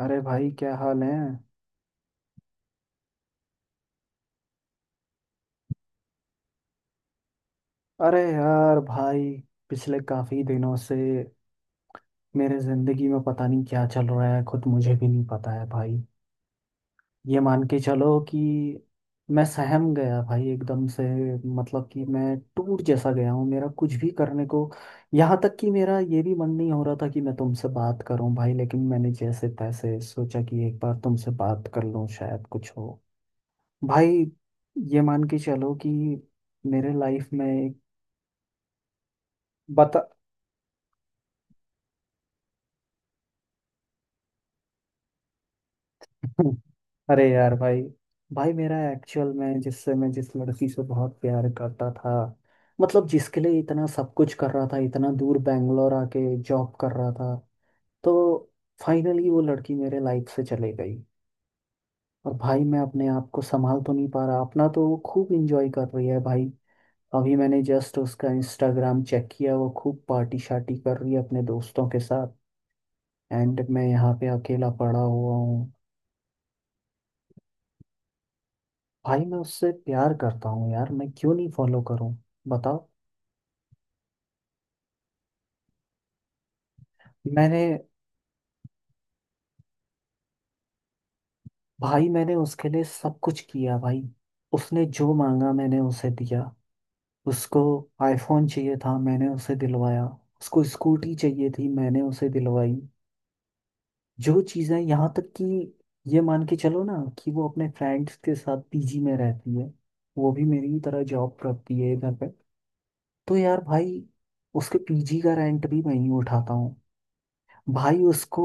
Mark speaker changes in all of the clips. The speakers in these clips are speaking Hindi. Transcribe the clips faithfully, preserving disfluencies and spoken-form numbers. Speaker 1: अरे भाई क्या हाल है। अरे यार भाई, पिछले काफी दिनों से मेरे जिंदगी में पता नहीं क्या चल रहा है, खुद मुझे भी नहीं पता है भाई। ये मान के चलो कि मैं सहम गया भाई एकदम से। मतलब कि मैं टूट जैसा गया हूँ, मेरा कुछ भी करने को। यहाँ तक कि मेरा ये भी मन नहीं हो रहा था कि मैं तुमसे बात करूँ भाई, लेकिन मैंने जैसे तैसे सोचा कि एक बार तुमसे बात कर लूँ शायद कुछ हो। भाई, ये मान के चलो कि मेरे लाइफ में एक। बता। हम्म। अरे यार भाई, भाई मेरा एक्चुअल में जिससे, मैं जिस लड़की से बहुत प्यार करता था, मतलब जिसके लिए इतना सब कुछ कर रहा था, इतना दूर बैंगलोर आके जॉब कर रहा था, तो फाइनली वो लड़की मेरे लाइफ से चले गई। और भाई मैं अपने आप को संभाल तो नहीं पा रहा अपना, तो वो खूब इंजॉय कर रही है भाई। अभी मैंने जस्ट उसका इंस्टाग्राम चेक किया, वो खूब पार्टी शार्टी कर रही है अपने दोस्तों के साथ। एंड मैं यहाँ पे अकेला पड़ा हुआ हूँ। भाई मैं उससे प्यार करता हूँ यार, मैं क्यों नहीं फॉलो करूँ, बताओ। मैंने, भाई मैंने उसके लिए सब कुछ किया भाई। उसने जो मांगा मैंने उसे दिया। उसको आईफोन चाहिए था, मैंने उसे दिलवाया। उसको स्कूटी चाहिए थी, मैंने उसे दिलवाई। जो चीज़ें, यहाँ तक कि ये मान के चलो ना कि वो अपने फ्रेंड्स के साथ पीजी में रहती है, वो भी मेरी ही तरह जॉब करती है इधर पे, तो यार भाई उसके पीजी का रेंट भी मैं ही उठाता हूँ। भाई उसको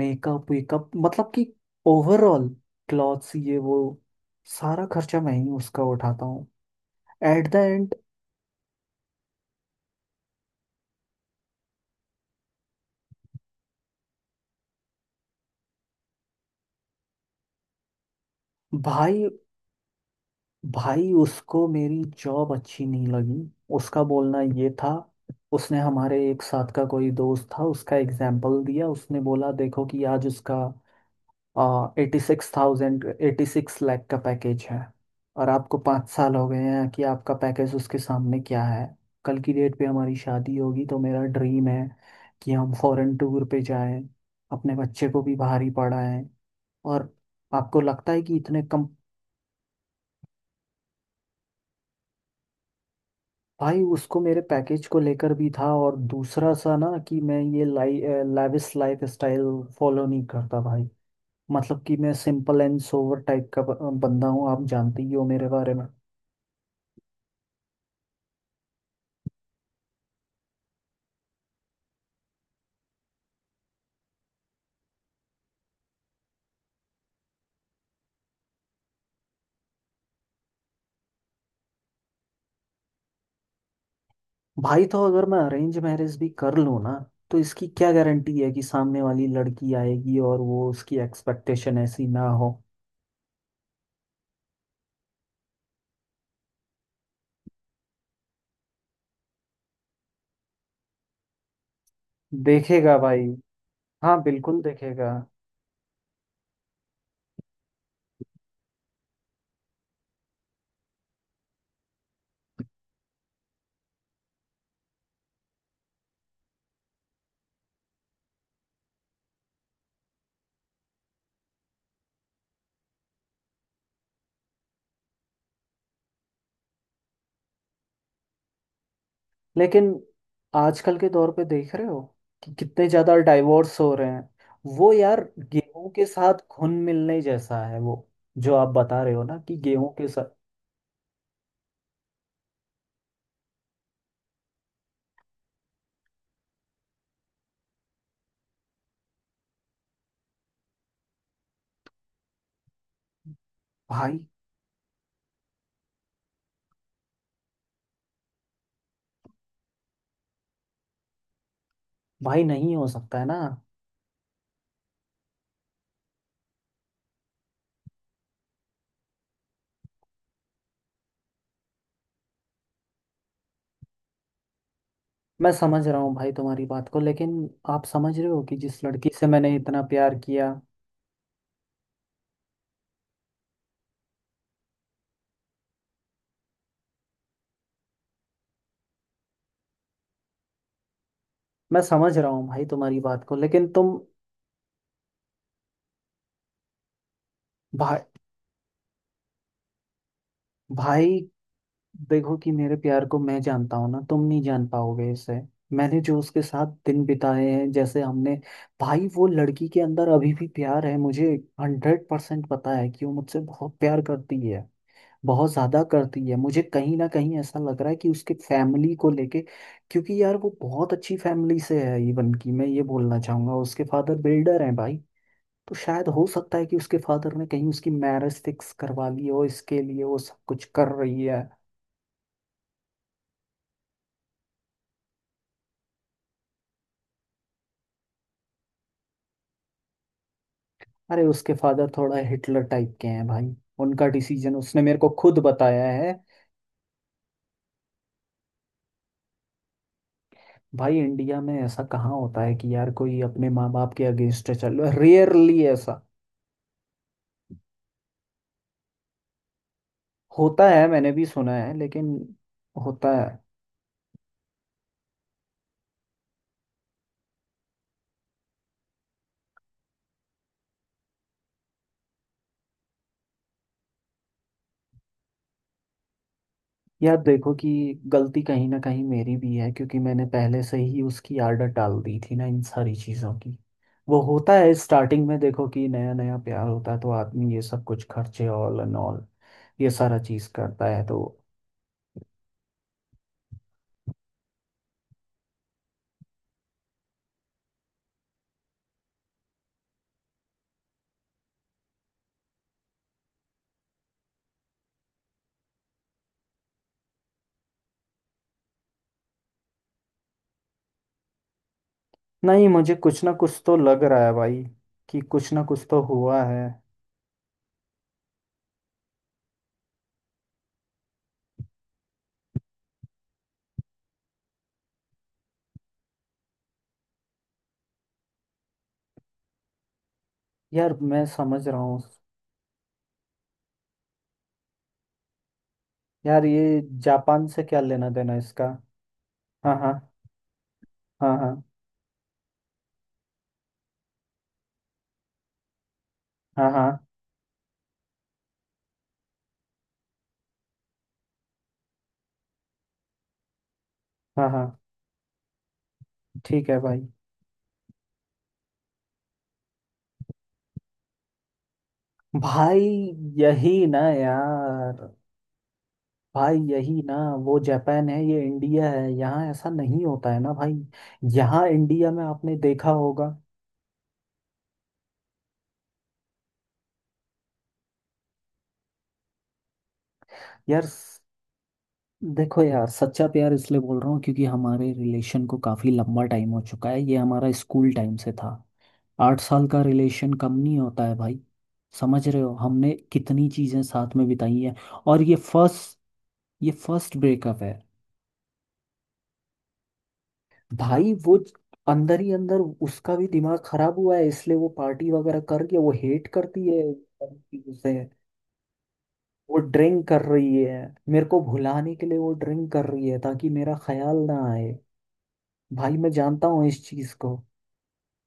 Speaker 1: मेकअप वेकअप, मतलब कि ओवरऑल, क्लॉथ्स ये वो, सारा खर्चा मैं ही उसका उठाता हूँ एट द एंड। भाई, भाई उसको मेरी जॉब अच्छी नहीं लगी। उसका बोलना ये था, उसने हमारे एक साथ का कोई दोस्त था उसका एग्जाम्पल दिया। उसने बोला, देखो कि आज उसका eighty six thousand, eighty six lakh का पैकेज है, और आपको पाँच साल हो गए हैं कि आपका पैकेज उसके सामने क्या है। कल की डेट पे हमारी शादी होगी तो मेरा ड्रीम है कि हम फॉरेन टूर पे जाएं, अपने बच्चे को भी बाहर ही पढ़ाएं, और आपको लगता है कि इतने कम। भाई उसको मेरे पैकेज को लेकर भी था, और दूसरा सा ना कि मैं ये लाइ लाविश लाइफ स्टाइल फॉलो नहीं करता भाई। मतलब कि मैं सिंपल एंड सोवर टाइप का ब- बंदा हूँ, आप जानते ही हो मेरे बारे में। भाई तो अगर मैं अरेंज मैरिज भी कर लूँ ना, तो इसकी क्या गारंटी है कि सामने वाली लड़की आएगी और वो, उसकी एक्सपेक्टेशन ऐसी ना हो। देखेगा भाई, हाँ बिल्कुल देखेगा। लेकिन आजकल के दौर पे देख रहे हो कि कितने ज़्यादा डाइवोर्स हो रहे हैं। वो यार, गेहूं के साथ घुल मिलने जैसा है वो, जो आप बता रहे हो ना कि गेहूं के साथ। भाई, भाई नहीं हो सकता है ना। मैं समझ रहा हूँ भाई तुम्हारी बात को, लेकिन आप समझ रहे हो कि जिस लड़की से मैंने इतना प्यार किया। मैं समझ रहा हूँ भाई तुम्हारी बात को लेकिन तुम। भाई, भाई देखो कि मेरे प्यार को मैं जानता हूँ ना, तुम नहीं जान पाओगे इसे। मैंने जो उसके साथ दिन बिताए हैं, जैसे हमने। भाई वो लड़की के अंदर अभी भी प्यार है मुझे। हंड्रेड परसेंट पता है कि वो मुझसे बहुत प्यार करती है, बहुत ज्यादा करती है। मुझे कहीं ना कहीं ऐसा लग रहा है कि उसके फैमिली को लेके, क्योंकि यार वो बहुत अच्छी फैमिली से है। इवन की मैं ये बोलना चाहूंगा, उसके फादर बिल्डर हैं भाई। तो शायद हो सकता है कि उसके फादर ने कहीं उसकी मैरिज फिक्स करवा ली हो, इसके लिए वो सब कुछ कर रही है। अरे उसके फादर थोड़ा हिटलर टाइप के हैं भाई। उनका डिसीजन उसने मेरे को खुद बताया है। भाई इंडिया में ऐसा कहाँ होता है कि यार कोई अपने माँ बाप के अगेंस्ट चल, रेयरली ऐसा होता है। मैंने भी सुना है, लेकिन होता है। यार देखो कि गलती कहीं ना कहीं मेरी भी है, क्योंकि मैंने पहले से ही उसकी आदत डाल दी थी ना इन सारी चीज़ों की। वो होता है स्टार्टिंग में, देखो कि नया नया प्यार होता है तो आदमी ये सब कुछ खर्चे, ऑल एंड ऑल ये सारा चीज़ करता है तो। नहीं, मुझे कुछ ना कुछ तो लग रहा है भाई, कि कुछ ना कुछ तो हुआ है। यार मैं समझ रहा हूँ। यार ये जापान से क्या लेना देना इसका। हाँ, हाँ। हाँ, हाँ। हाँ, हाँ। हाँ, हाँ। ठीक है भाई। भाई यही ना यार, भाई यही ना। वो जापान है, ये इंडिया है, यहाँ ऐसा नहीं होता है ना भाई। यहाँ इंडिया में आपने देखा होगा। यार स- देखो यार, सच्चा प्यार इसलिए बोल रहा हूँ क्योंकि हमारे रिलेशन को काफी लंबा टाइम हो चुका है, ये हमारा स्कूल टाइम से था। आठ साल का रिलेशन कम नहीं होता है भाई, समझ रहे हो हमने कितनी चीजें साथ में बिताई हैं। और ये फर्स्ट ये फर्स्ट ब्रेकअप है। भाई वो अंदर ही अंदर उसका भी दिमाग खराब हुआ है, इसलिए वो पार्टी वगैरह करके वो हेट करती है उसे। वो ड्रिंक कर रही है, मेरे को भुलाने के लिए वो ड्रिंक कर रही है ताकि मेरा ख्याल ना आए। भाई मैं जानता हूँ इस चीज को।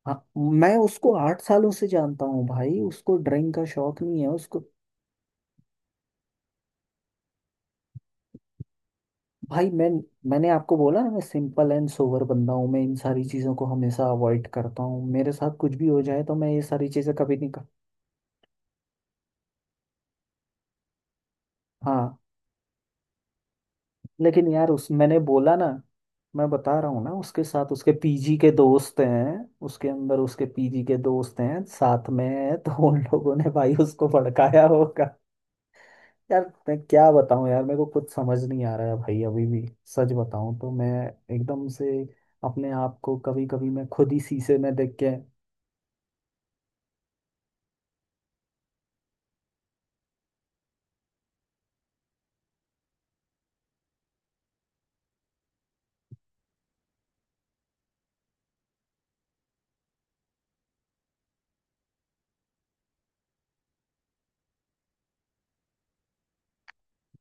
Speaker 1: हाँ, मैं उसको आठ सालों से जानता हूँ भाई, उसको ड्रिंक का शौक नहीं है उसको। भाई मैं मैंने आपको बोला ना, मैं सिंपल एंड सोबर बंदा हूँ, मैं इन सारी चीज़ों को हमेशा अवॉइड करता हूँ, मेरे साथ कुछ भी हो जाए तो मैं ये सारी चीज़ें कभी नहीं कर। हाँ, लेकिन यार उस मैंने बोला ना, मैं बता रहा हूँ ना, उसके साथ उसके पीजी के दोस्त हैं, उसके अंदर उसके पीजी के दोस्त हैं साथ में हैं, तो उन लोगों ने भाई उसको भड़काया होगा। यार मैं क्या बताऊँ यार, मेरे को कुछ समझ नहीं आ रहा है भाई, अभी भी सच बताऊँ तो मैं, एकदम से अपने आप को, कभी कभी मैं खुद ही शीशे में देख के।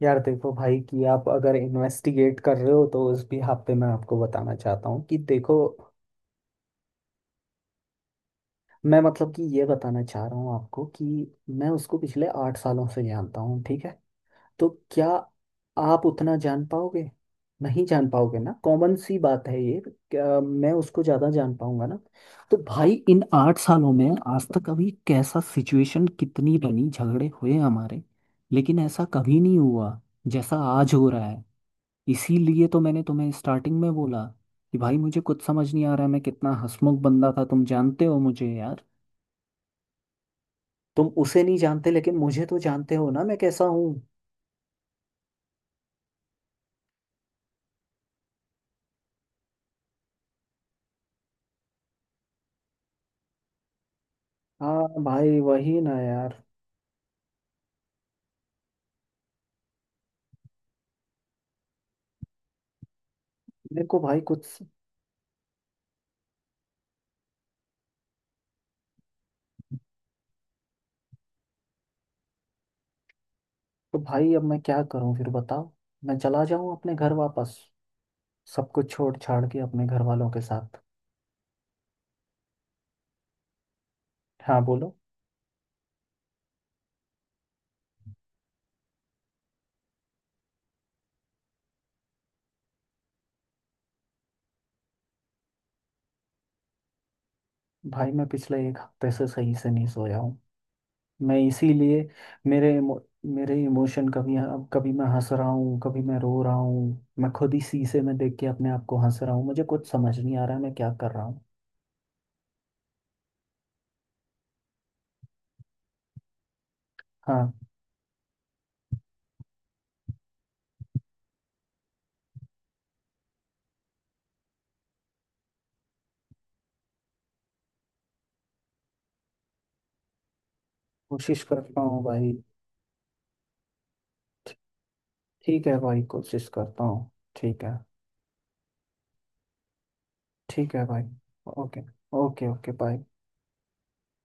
Speaker 1: यार देखो भाई कि आप अगर इन्वेस्टिगेट कर रहे हो तो उस भी आप पे मैं आपको बताना चाहता हूँ कि देखो, मैं मतलब कि ये बताना चाह रहा हूँ आपको कि मैं उसको पिछले आठ सालों से जानता हूँ, ठीक है। तो क्या आप उतना जान पाओगे, नहीं जान पाओगे ना, कॉमन सी बात है ये। क्या मैं उसको ज़्यादा जान पाऊंगा ना। तो भाई इन आठ सालों में आज तक अभी कैसा सिचुएशन, कितनी बनी झगड़े हुए हमारे, लेकिन ऐसा कभी नहीं हुआ जैसा आज हो रहा है। इसीलिए तो मैंने तुम्हें स्टार्टिंग में बोला कि भाई मुझे कुछ समझ नहीं आ रहा है, मैं कितना हंसमुख बंदा था तुम जानते हो मुझे यार। तुम उसे नहीं जानते, लेकिन मुझे तो जानते हो ना मैं कैसा हूँ। हाँ भाई, वही ना यार। मेरे को भाई कुछ। तो भाई अब मैं क्या करूँ, फिर बताओ, मैं चला जाऊँ अपने घर वापस, सब कुछ छोड़ छाड़ के अपने घर वालों के साथ। हाँ बोलो। भाई मैं पिछले एक हफ्ते से सही से नहीं सोया हूँ। मैं इसीलिए, मेरे इमो, मेरे इमोशन, कभी अब कभी मैं हंस रहा हूँ कभी मैं रो रहा हूँ, मैं खुद ही शीशे में देख के अपने आप को हंस रहा हूँ, मुझे कुछ समझ नहीं आ रहा है मैं क्या कर रहा हूँ। हाँ, कोशिश करता हूँ भाई। ठीक है भाई, कोशिश करता हूँ। ठीक है। ठीक है भाई। ओके। Okay okay bye.